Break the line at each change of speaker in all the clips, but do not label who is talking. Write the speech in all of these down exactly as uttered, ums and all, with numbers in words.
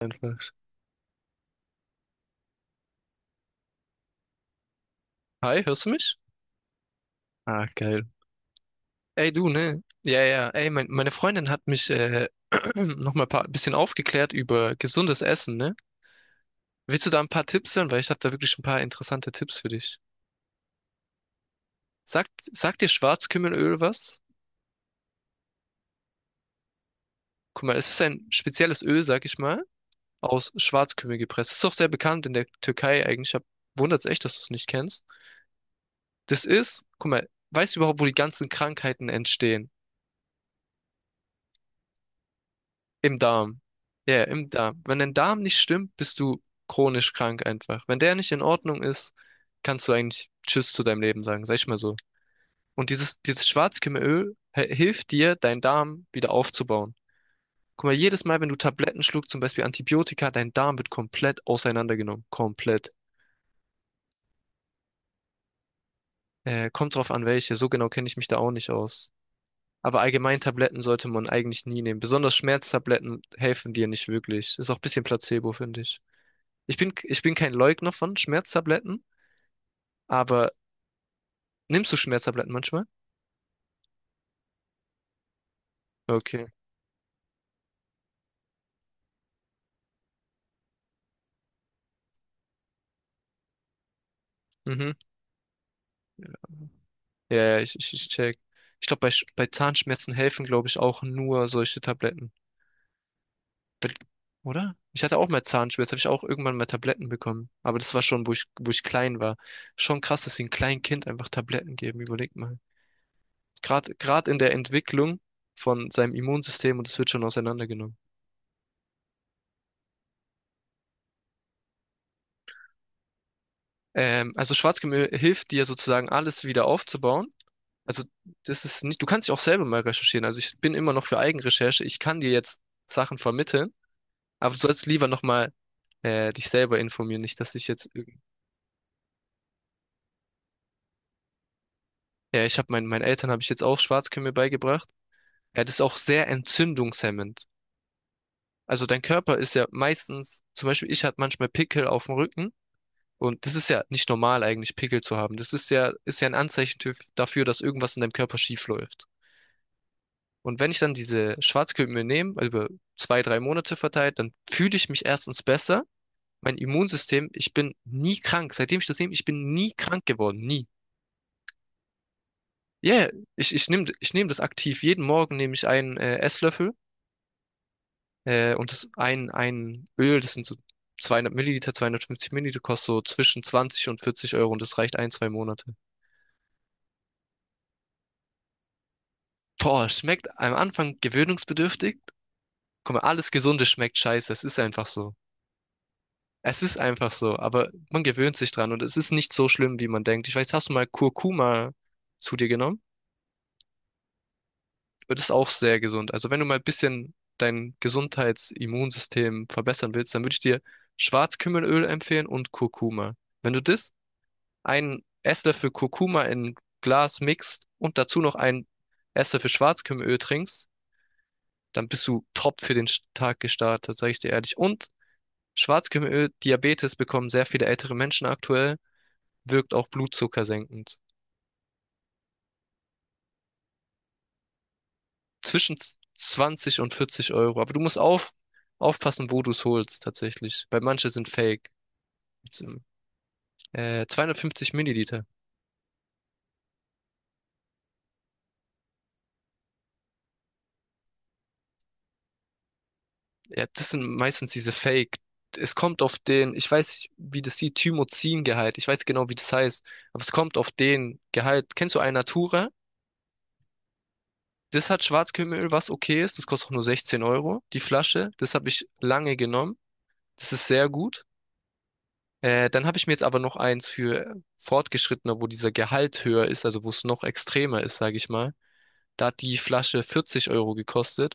Einfach. Hi, hörst du mich? Ah, geil. Ey, du, ne? Ja, ja. Ey, mein, meine Freundin hat mich äh, nochmal ein paar, bisschen aufgeklärt über gesundes Essen, ne? Willst du da ein paar Tipps hören? Weil ich habe da wirklich ein paar interessante Tipps für dich. Sagt, sagt dir Schwarzkümmelöl was? Guck mal, es ist ein spezielles Öl, sag ich mal, aus Schwarzkümmel gepresst. Ist auch sehr bekannt in der Türkei eigentlich. Ich hab, wundert's echt, dass du es nicht kennst. Das ist, guck mal, weißt du überhaupt, wo die ganzen Krankheiten entstehen? Im Darm. Ja, im Darm. Wenn dein Darm nicht stimmt, bist du chronisch krank einfach. Wenn der nicht in Ordnung ist, kannst du eigentlich Tschüss zu deinem Leben sagen, sag ich mal so. Und dieses, dieses Schwarzkümmelöl he- hilft dir, deinen Darm wieder aufzubauen. Guck mal, jedes Mal, wenn du Tabletten schluckst, zum Beispiel Antibiotika, dein Darm wird komplett auseinandergenommen. Komplett. Äh, kommt drauf an, welche. So genau kenne ich mich da auch nicht aus. Aber allgemein Tabletten sollte man eigentlich nie nehmen. Besonders Schmerztabletten helfen dir nicht wirklich. Ist auch ein bisschen Placebo, finde ich. Ich bin, ich bin kein Leugner von Schmerztabletten, aber nimmst du Schmerztabletten manchmal? Okay. Mhm. Ja, ja, ich, ich, ich check. Ich glaube, bei, Sch- bei Zahnschmerzen helfen, glaube ich, auch nur solche Tabletten, oder? Ich hatte auch mal Zahnschmerzen, habe ich auch irgendwann mal Tabletten bekommen. Aber das war schon, wo ich, wo ich klein war. Schon krass, dass sie einem kleinen Kind einfach Tabletten geben, überleg mal. Gerade, gerade in der Entwicklung von seinem Immunsystem und es wird schon auseinandergenommen. Ähm, also Schwarzgemüse hilft dir sozusagen alles wieder aufzubauen. Also, das ist nicht, du kannst dich auch selber mal recherchieren. Also, ich bin immer noch für Eigenrecherche. Ich kann dir jetzt Sachen vermitteln, aber du sollst lieber nochmal äh, dich selber informieren. Nicht, dass ich jetzt, irgend- ja, ich habe meinen meinen Eltern habe ich jetzt auch Schwarzkümmel beigebracht. Ja, das ist auch sehr entzündungshemmend. Also, dein Körper ist ja meistens, zum Beispiel, ich hatte manchmal Pickel auf dem Rücken. Und das ist ja nicht normal eigentlich, Pickel zu haben. Das ist ja, ist ja ein Anzeichen dafür, dass irgendwas in deinem Körper schief läuft. Und wenn ich dann diese Schwarzkümmel nehme, also über zwei, drei Monate verteilt, dann fühle ich mich erstens besser. Mein Immunsystem, ich bin nie krank. Seitdem ich das nehme, ich bin nie krank geworden. Nie. Ja, ja, ich, ich nehme ich nehm das aktiv. Jeden Morgen nehme ich einen äh, Esslöffel äh, und das ein, ein Öl, das sind so zweihundert Milliliter, zweihundertfünfzig Milliliter, kostet so zwischen zwanzig und vierzig Euro und das reicht ein, zwei Monate. Boah, schmeckt am Anfang gewöhnungsbedürftig. Guck mal, alles Gesunde schmeckt scheiße. Es ist einfach so. Es ist einfach so, aber man gewöhnt sich dran und es ist nicht so schlimm, wie man denkt. Ich weiß, hast du mal Kurkuma zu dir genommen? Und das ist auch sehr gesund. Also wenn du mal ein bisschen dein Gesundheitsimmunsystem verbessern willst, dann würde ich dir Schwarzkümmelöl empfehlen und Kurkuma. Wenn du das, einen Esslöffel Kurkuma in ein Glas mixt und dazu noch einen Esslöffel Schwarzkümmelöl trinkst, dann bist du top für den Tag gestartet, sage ich dir ehrlich. Und Schwarzkümmelöl, Diabetes bekommen sehr viele ältere Menschen aktuell. Wirkt auch Blutzucker senkend. Zwischen zwanzig und vierzig Euro. Aber du musst auf, aufpassen, wo du es holst, tatsächlich. Weil manche sind fake. Äh, zweihundertfünfzig Milliliter. Ja, das sind meistens diese Fake. Es kommt auf den, ich weiß, wie das sieht, Thymozingehalt. Ich weiß genau, wie das heißt. Aber es kommt auf den Gehalt. Kennst du Alnatura? Das hat Schwarzkümmelöl, was okay ist. Das kostet auch nur sechzehn Euro, die Flasche. Das habe ich lange genommen. Das ist sehr gut. Äh, dann habe ich mir jetzt aber noch eins für Fortgeschrittene, wo dieser Gehalt höher ist, also wo es noch extremer ist, sage ich mal. Da hat die Flasche vierzig Euro gekostet.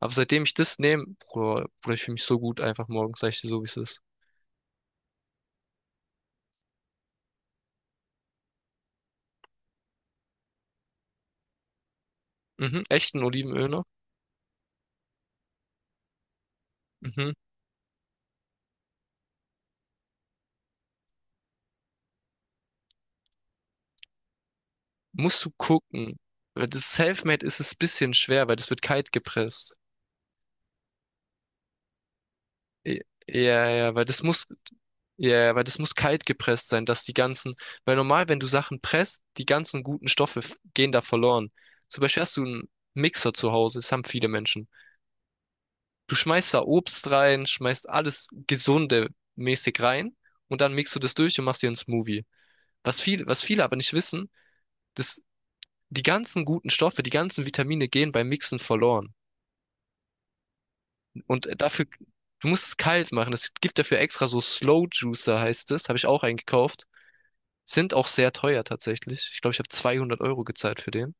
Aber seitdem ich das nehme, Bruder, Bruder, ich fühle mich so gut einfach morgens, sag ich dir so, wie es ist. Mhm, echten Olivenöl noch? Mhm. Musst du gucken. Weil das Selfmade ist es ein bisschen schwer, weil das wird kalt gepresst. I- Ja, ja, weil das muss Ja, weil das muss kalt gepresst sein, dass die ganzen, weil normal, wenn du Sachen presst, die ganzen guten Stoffe f- gehen da verloren. Zum Beispiel hast du einen Mixer zu Hause, das haben viele Menschen. Du schmeißt da Obst rein, schmeißt alles gesunde mäßig rein und dann mixt du das durch und machst dir einen Smoothie. Was viele, was viele aber nicht wissen, dass die ganzen guten Stoffe, die ganzen Vitamine gehen beim Mixen verloren. Und dafür, du musst es kalt machen. Es gibt dafür extra so Slow Juicer heißt es, habe ich auch einen gekauft. Sind auch sehr teuer tatsächlich. Ich glaube, ich habe zweihundert Euro gezahlt für den.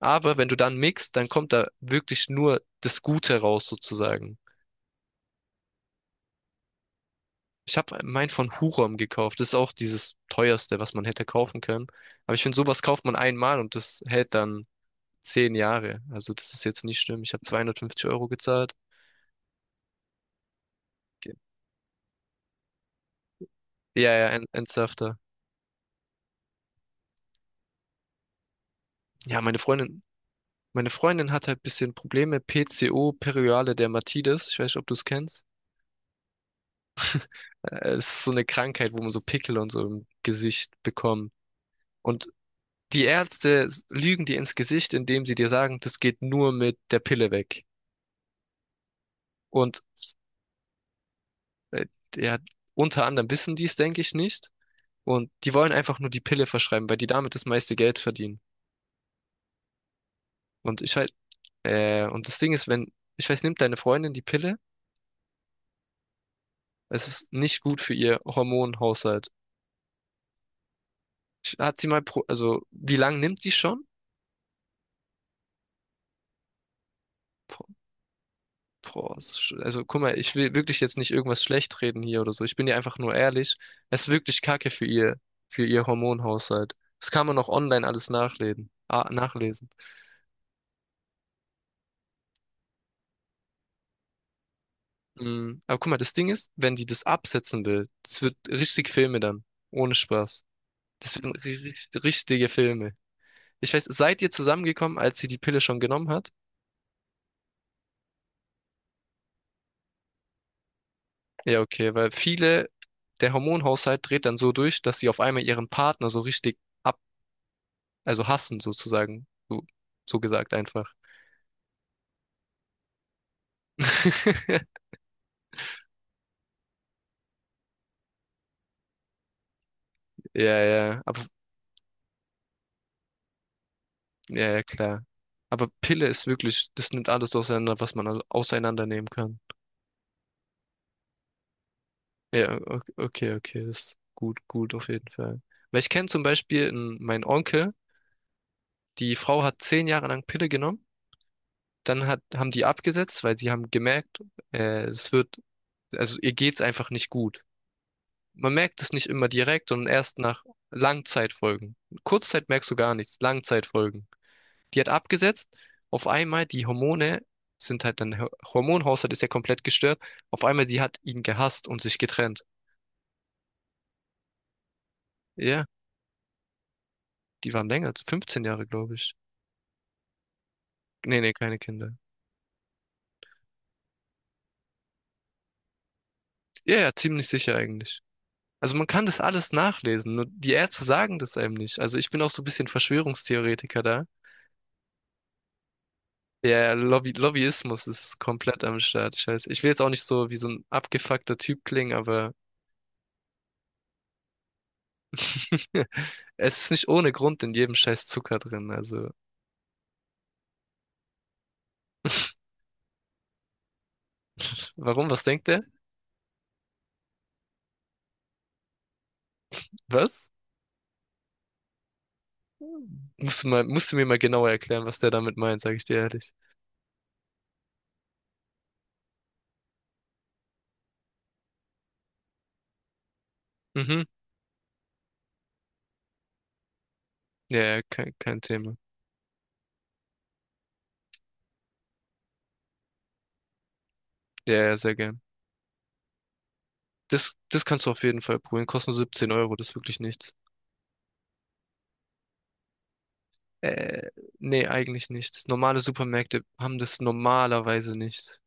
Aber wenn du dann mixt, dann kommt da wirklich nur das Gute raus sozusagen. Ich habe meinen von Hurom gekauft. Das ist auch dieses teuerste, was man hätte kaufen können. Aber ich finde, sowas kauft man einmal und das hält dann zehn Jahre. Also das ist jetzt nicht schlimm. Ich habe zweihundertfünfzig Euro gezahlt. Okay. Ja, ja, en- ernsthafter. Ja, meine Freundin, meine Freundin hat halt bisschen Probleme. P C O, Periale Dermatitis. Ich weiß nicht, ob du es kennst. Äh, Es ist so eine Krankheit, wo man so Pickel und so im Gesicht bekommt. Und die Ärzte s- lügen dir ins Gesicht, indem sie dir sagen, das geht nur mit der Pille weg. Und äh, ja, unter anderem wissen die es, denke ich, nicht. Und die wollen einfach nur die Pille verschreiben, weil die damit das meiste Geld verdienen. Und ich halt, äh, und das Ding ist, wenn, ich weiß, nimmt deine Freundin die Pille, es ist nicht gut für ihr Hormonhaushalt. Ich- Hat sie mal, pro, Also, wie lange nimmt die schon? Boah, es ist sch- also guck mal, ich will wirklich jetzt nicht irgendwas schlecht reden hier oder so. Ich bin ja einfach nur ehrlich. Es ist wirklich Kacke für ihr, für ihr Hormonhaushalt. Das kann man auch online alles nachlesen. Ah, nachlesen. Mm, aber guck mal, das Ding ist, wenn die das absetzen will, das wird richtig Filme dann. Ohne Spaß. Das werden ri- ri- richtige Filme. Ich weiß, seid ihr zusammengekommen, als sie die Pille schon genommen hat? Ja, okay, weil viele, der Hormonhaushalt dreht dann so durch, dass sie auf einmal ihren Partner so richtig also hassen sozusagen. So, so gesagt einfach. Ja, ja, aber ja, ja, klar. Aber Pille ist wirklich, das nimmt alles auseinander, was man au- auseinandernehmen kann. Ja, o- okay, okay, das ist gut, gut auf jeden Fall. Weil ich kenne zum Beispiel n- meinen Onkel, die Frau hat zehn Jahre lang Pille genommen, dann hat, haben die abgesetzt, weil sie haben gemerkt, äh, es wird, also ihr geht's einfach nicht gut. Man merkt es nicht immer direkt, sondern erst nach Langzeitfolgen. Kurzzeit merkst du gar nichts, Langzeitfolgen. Die hat abgesetzt. Auf einmal die Hormone sind halt dann, Ho- Hormonhaushalt ist ja komplett gestört. Auf einmal die hat ihn gehasst und sich getrennt. Ja, die waren länger, fünfzehn Jahre, glaube ich. Nee, nee, keine Kinder. Ja, ja, ziemlich sicher eigentlich. Also man kann das alles nachlesen, nur die Ärzte sagen das einem nicht. Also ich bin auch so ein bisschen Verschwörungstheoretiker da. Der Lobby Lobbyismus ist komplett am Start. Ich weiß, ich will jetzt auch nicht so wie so ein abgefuckter Typ klingen, aber es ist nicht ohne Grund in jedem scheiß Zucker drin. Also warum? Was denkt der? Was? Musst du mal, musst du mir mal genauer erklären, was der damit meint, sage ich dir ehrlich. Mhm. Ja, ja, kein, kein Thema. Ja, ja, sehr gern. Das, das kannst du auf jeden Fall poolen. Kostet nur siebzehn Euro, das ist wirklich nichts. Äh, nee, eigentlich nicht. Normale Supermärkte haben das normalerweise nicht.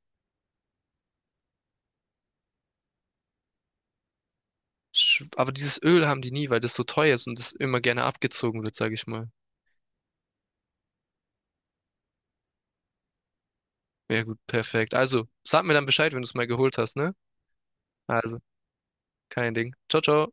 Sch- Aber dieses Öl haben die nie, weil das so teuer ist und das immer gerne abgezogen wird, sage ich mal. Ja gut, perfekt. Also, sag mir dann Bescheid, wenn du es mal geholt hast, ne? Also, kein Ding. Ciao, ciao.